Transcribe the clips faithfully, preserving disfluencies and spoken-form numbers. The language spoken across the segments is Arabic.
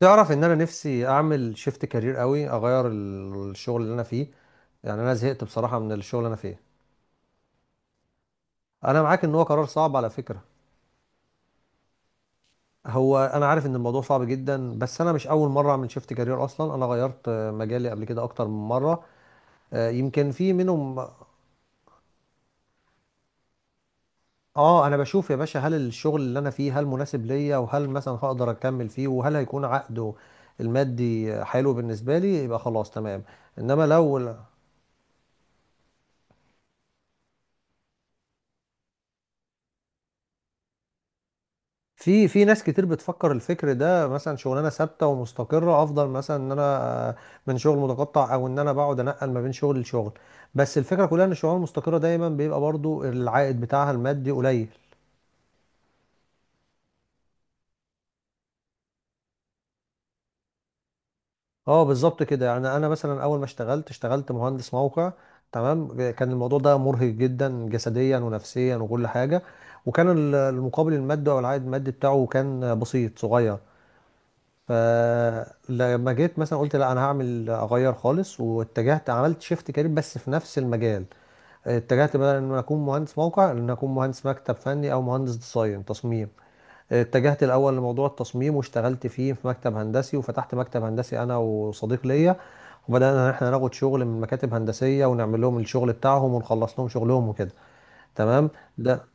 تعرف ان انا نفسي اعمل شيفت كارير قوي، اغير ال- الشغل اللي انا فيه. يعني انا زهقت بصراحه من الشغل اللي انا فيه. انا معاك ان هو قرار صعب على فكره. هو انا عارف ان الموضوع صعب جدا، بس انا مش اول مره اعمل شيفت كارير. اصلا انا غيرت آه، مجالي قبل كده اكتر من مره. آه، يمكن في منهم. اه، انا بشوف يا باشا، هل الشغل اللي انا فيه هل مناسب ليا، وهل مثلا هقدر اكمل فيه، وهل هيكون عقده المادي حلو بالنسبه لي يبقى خلاص تمام. انما لو في في ناس كتير بتفكر الفكر ده، مثلا شغلانه ثابته ومستقره افضل مثلا ان انا آه، من شغل متقطع، او ان انا بقعد انقل ما بين شغل لشغل. بس الفكره كلها ان الشغلانه المستقره دايما بيبقى برضو العائد بتاعها المادي قليل. اه، بالظبط كده. يعني انا مثلا اول ما اشتغلت، اشتغلت مهندس موقع. تمام. كان الموضوع ده مرهق جدا جسديا ونفسيا وكل حاجه، وكان ال- المقابل المادي او العائد المادي بتاعه كان بسيط صغير. فلما جيت مثلا قلت لا، انا هعمل اغير خالص، واتجهت عملت شيفت كارير بس في نفس المجال. اتجهت بدل ان أنا اكون مهندس موقع، ان أنا اكون مهندس مكتب فني او مهندس ديزاين تصميم. اتجهت الاول لموضوع التصميم، واشتغلت فيه في مكتب هندسي، وفتحت مكتب هندسي انا وصديق ليا. وبدانا ان احنا ناخد شغل من مكاتب هندسيه، ونعمل لهم الشغل بتاعهم، ونخلص لهم شغلهم وكده. تمام. ده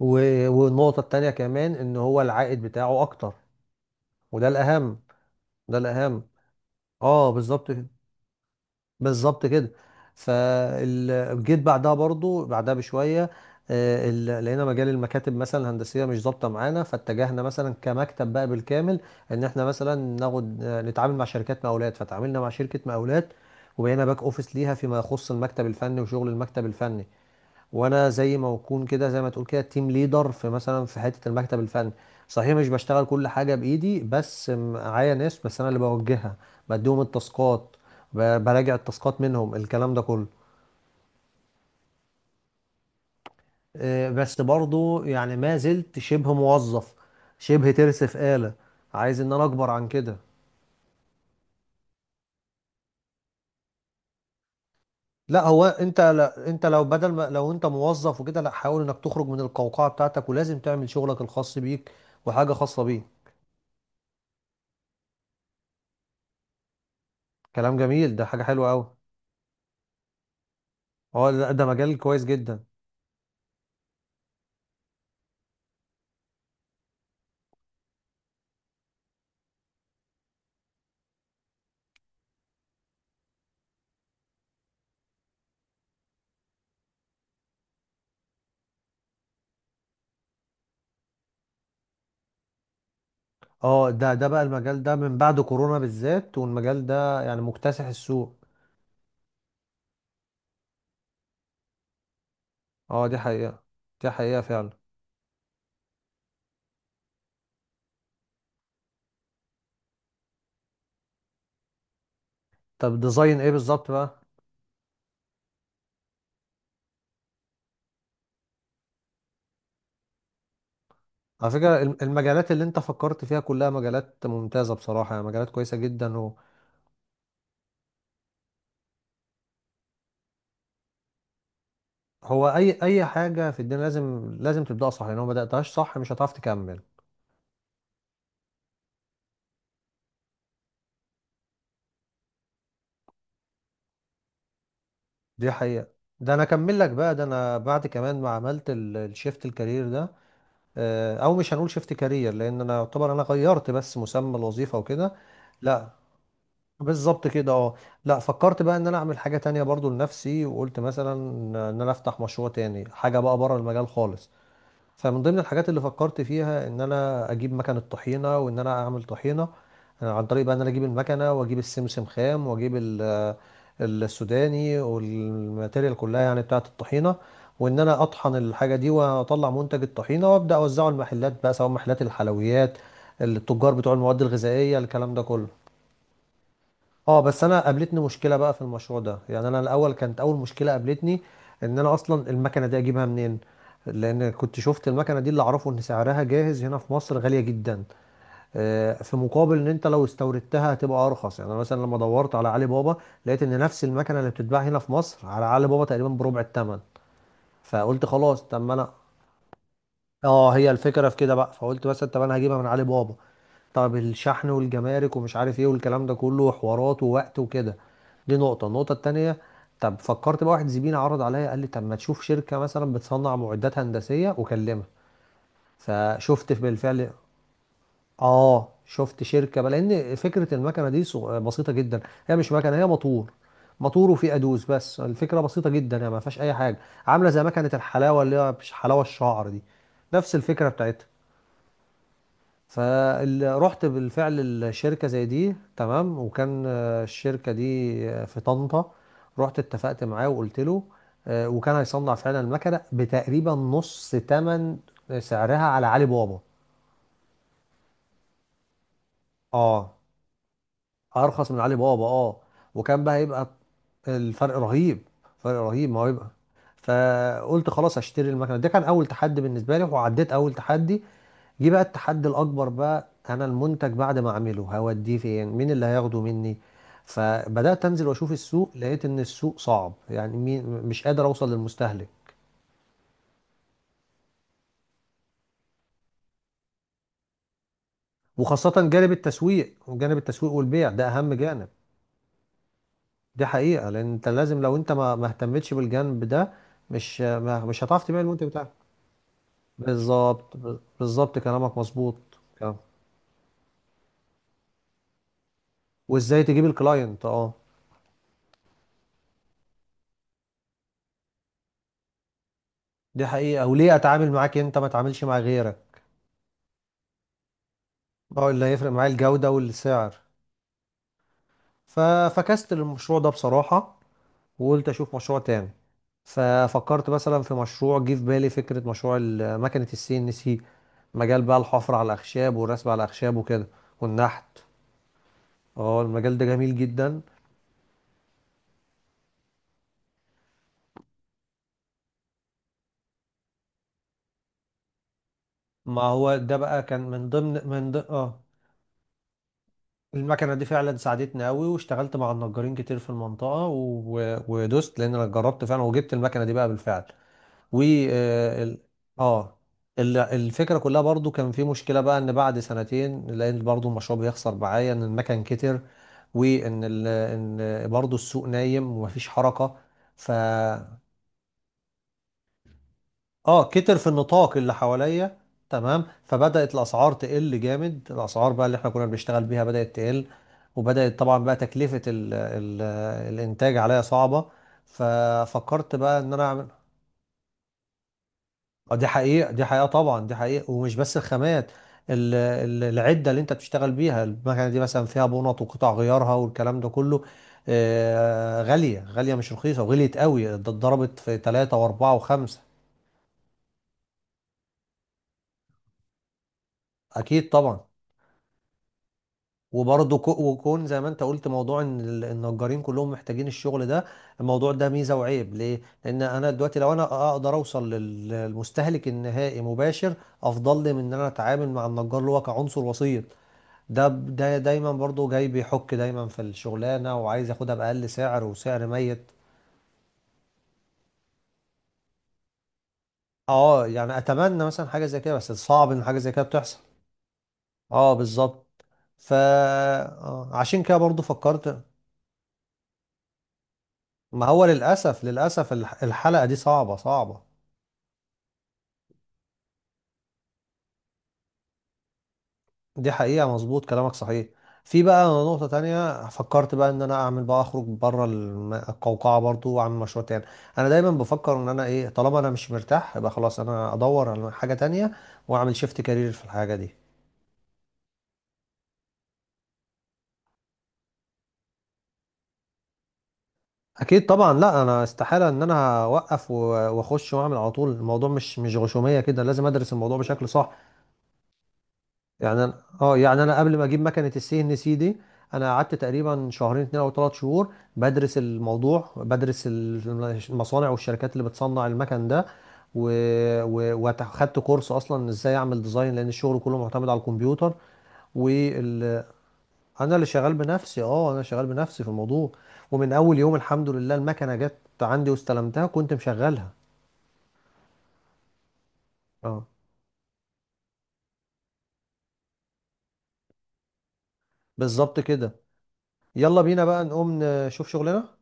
و- والنقطه التانيه كمان، ان هو العائد بتاعه اكتر. وده الاهم. ده الاهم. اه، بالظبط. بالظبط كده. فجيت بعدها برضو، بعدها بشويه. آه، ال- لقينا مجال المكاتب مثلا الهندسيه مش ظابطه معانا، فاتجهنا مثلا كمكتب بقى بالكامل، ان احنا مثلا ناخد آه، نتعامل مع شركات مقاولات، فتعاملنا مع شركه مقاولات. وبقينا باك اوفيس ليها فيما يخص المكتب الفني وشغل المكتب الفني. وانا زي ما اكون كده، زي ما تقول كده تيم ليدر، في مثلا في حته المكتب الفني. صحيح مش بشتغل كل حاجه بايدي، بس معايا ناس، بس انا اللي بوجهها. بديهم التاسكات، ب- براجع التاسكات منهم، الكلام ده كله. آه، بس برضو يعني ما زلت شبه موظف، شبه ترس في آلة. عايز ان انا اكبر عن كده. لا هو انت لا انت لو بدل ما لو انت موظف وكده، لا، حاول انك تخرج من القوقعه بتاعتك، ولازم تعمل شغلك الخاص بيك، وحاجه خاصه بيك. كلام جميل، ده حاجه حلوه قوي. اه لا، ده مجال كويس جدا. اه، ده ده بقى المجال ده من بعد كورونا بالذات، والمجال ده يعني مكتسح السوق. اه، دي حقيقة. دي حقيقة فعلا. طب ديزاين ايه بالظبط بقى؟ على فكرة، الم- المجالات اللي انت فكرت فيها كلها مجالات ممتازة بصراحة، يعني مجالات كويسة جدا. هو، هو اي اي حاجة في الدنيا لازم لازم تبدأها صح، لو ما بدأتهاش صح مش هتعرف تكمل. دي حقيقة. ده انا اكمل لك بقى، ده انا بعد كمان ما عملت ال- الشيفت الكارير ده، آه، او مش هنقول شيفت كارير لان انا يعتبر انا غيرت بس مسمى الوظيفه وكده. لا. بالظبط كده، اه. لا، فكرت بقى ان انا اعمل حاجه تانية برضو لنفسي، وقلت مثلا ان انا افتح مشروع تاني، حاجه بقى بره المجال خالص. فمن ضمن الحاجات اللي فكرت فيها ان انا اجيب مكنه طحينه وان انا اعمل طحينه، آه، عن طريق بقى ان انا اجيب المكنه واجيب السمسم خام، واجيب ال- آه، السوداني والماتيريال كلها يعني بتاعه الطحينه. وان انا اطحن الحاجه دي واطلع منتج الطحينه، وابدا اوزعه المحلات بقى، سواء محلات الحلويات، التجار بتوع المواد الغذائيه، الكلام ده كله. اه، بس انا قابلتني مشكله بقى في المشروع ده، يعني انا الاول كانت اول مشكله قابلتني ان انا اصلا المكنه دي اجيبها منين، لان كنت شفت المكنه دي اللي اعرفه ان سعرها جاهز هنا في مصر غاليه جدا، آه، في مقابل ان انت لو استوردتها هتبقى ارخص. يعني انا مثلا لما دورت على علي بابا، لقيت ان نفس المكنه اللي بتتباع هنا في مصر، على علي بابا تقريبا بربع الثمن. فقلت خلاص، طب ما انا، اه، هي الفكره في كده بقى. فقلت مثلا طب انا هجيبها من علي بابا. طب الشحن والجمارك ومش عارف ايه، والكلام ده كله حوارات ووقت وكده، دي نقطة النقطة التانية. طب فكرت بقى، واحد زميلي عرض عليا قال لي طب ما تشوف شركة مثلا بتصنع معدات هندسية وكلمها. فشفت بالفعل. اه، شفت شركة بقى، لان فكرة المكنة دي صغ- بسيطة جدا. هي مش مكنة، هي موتور. موتور وفيه ادوس، بس الفكرة بسيطة جدا يعني ما فيهاش اي حاجة. عاملة زي مكنة الحلاوة، اللي هي مش حلاوة الشعر دي، نفس الفكرة بتاعتها. فرحت بالفعل الشركة زي دي تمام، وكان آه، الشركة دي آه، في طنطا. رحت اتفقت معاه وقلت له، آه، وكان هيصنع فعلا المكنة بتقريبا نص تمن سعرها على علي بابا. اه، ارخص من علي بابا، اه. وكان بقى يبقى، الفرق رهيب. فرق رهيب ما هو، يبقى فقلت خلاص هشتري المكنه. ده كان اول تحدي بالنسبه لي، وعديت اول تحدي. جه بقى التحدي الأكبر، بقى أنا المنتج بعد ما أعمله هوديه فين، مين اللي هياخده مني. فبدأت أنزل وأشوف السوق، لقيت إن السوق صعب، يعني مين، مش قادر أوصل للمستهلك. وخاصة جانب التسويق جانب التسويق والبيع ده أهم جانب. دي حقيقة، لأن أنت لازم لو أنت ما ما اهتمتش بالجانب ده مش ما مش هتعرف تبيع المنتج بتاعك. بالظبط، بالظبط كلامك مظبوط. كلام. وإزاي تجيب الكلاينت، أه. دي حقيقة، وليه أتعامل معاك أنت ما تعاملش مع غيرك. اه، اللي هيفرق معايا الجودة والسعر. ففكست للمشروع ده بصراحة، وقلت أشوف مشروع تاني. ففكرت مثلا في مشروع، جه في بالي فكرة مشروع ال- مكنة السي ان سي، مجال بقى الحفر على الأخشاب والرسم على الأخشاب وكده، والنحت. اه، المجال ده جميل جدا. ما هو ده بقى كان من ضمن، من ضمن اه، المكنة دي فعلا ساعدتني قوي، واشتغلت مع النجارين كتير في المنطقة. و... ودوست لأن أنا جربت فعلا، وجبت المكنة دي بقى بالفعل. و اه ال- آه، ال- الفكرة كلها برضو كان في مشكلة بقى، إن بعد سنتين، لأن برضو المشروع بيخسر معايا، إن المكن كتر، وإن ال... إن برضو السوق نايم ومفيش حركة. ف، اه كتر في النطاق اللي حواليا. تمام. فبدأت الأسعار تقل جامد، الأسعار بقى اللي احنا كنا بنشتغل بيها بدأت تقل، وبدأت طبعا بقى تكلفة ال ال الإنتاج عليا صعبة. ففكرت بقى إن أنا أعمل، آه، دي حقيقة. دي حقيقة طبعا. دي حقيقة. ومش بس الخامات، ال- ال- العدة اللي أنت بتشتغل بيها، المكنة دي مثلا فيها بونط وقطع غيارها والكلام ده كله، آه، غالية غالية، مش رخيصة، وغليت قوي، ده اتضربت في ثلاثة وأربعة وخمسة. أكيد طبعا. وبرضه كو- وكون زي ما انت قلت، موضوع ان ال- النجارين كلهم محتاجين الشغل ده، الموضوع ده ميزه وعيب. ليه؟ لان انا دلوقتي لو انا اقدر اوصل لل- للمستهلك النهائي مباشر، افضل لي من ان انا اتعامل مع النجار اللي هو كعنصر وسيط. ده ب- ده دايما برضه جاي بيحك دايما في الشغلانه، وعايز ياخدها باقل سعر وسعر ميت. اه، يعني اتمنى مثلا حاجه زي كده، بس صعب ان حاجه زي كده بتحصل. اه، بالظبط. ف آه، عشان كده برضه فكرت. ما هو للأسف، للأسف الح- الحلقة دي صعبة صعبة. دي حقيقة، مظبوط كلامك، صحيح. في بقى نقطة تانية، فكرت بقى إن أنا أعمل بقى أخرج بره الم- القوقعة برضو، وأعمل مشروع تاني. أنا دايما بفكر إن أنا إيه، طالما أنا مش مرتاح يبقى خلاص أنا أدور على حاجة تانية، وأعمل شيفت كارير في الحاجة دي. أكيد طبعا. لا أنا استحالة إن أنا أوقف و- وأخش وأعمل على طول، الموضوع مش مش غشومية كده، لازم أدرس الموضوع بشكل صح. يعني انا، اه، يعني انا قبل ما اجيب مكنه السي ان سي دي، انا قعدت تقريبا شهرين اتنين او تلات شهور بدرس الموضوع، بدرس ال- المصانع والشركات اللي بتصنع المكن ده، و، و، وخدت كورس اصلا ازاي اعمل ديزاين، لان الشغل كله معتمد على الكمبيوتر، وال، انا اللي شغال بنفسي، اه انا شغال بنفسي في الموضوع. ومن اول يوم الحمد لله المكنه جت عندي واستلمتها، كنت مشغلها. اه، بالظبط كده. يلا بينا بقى نقوم نشوف شغلنا.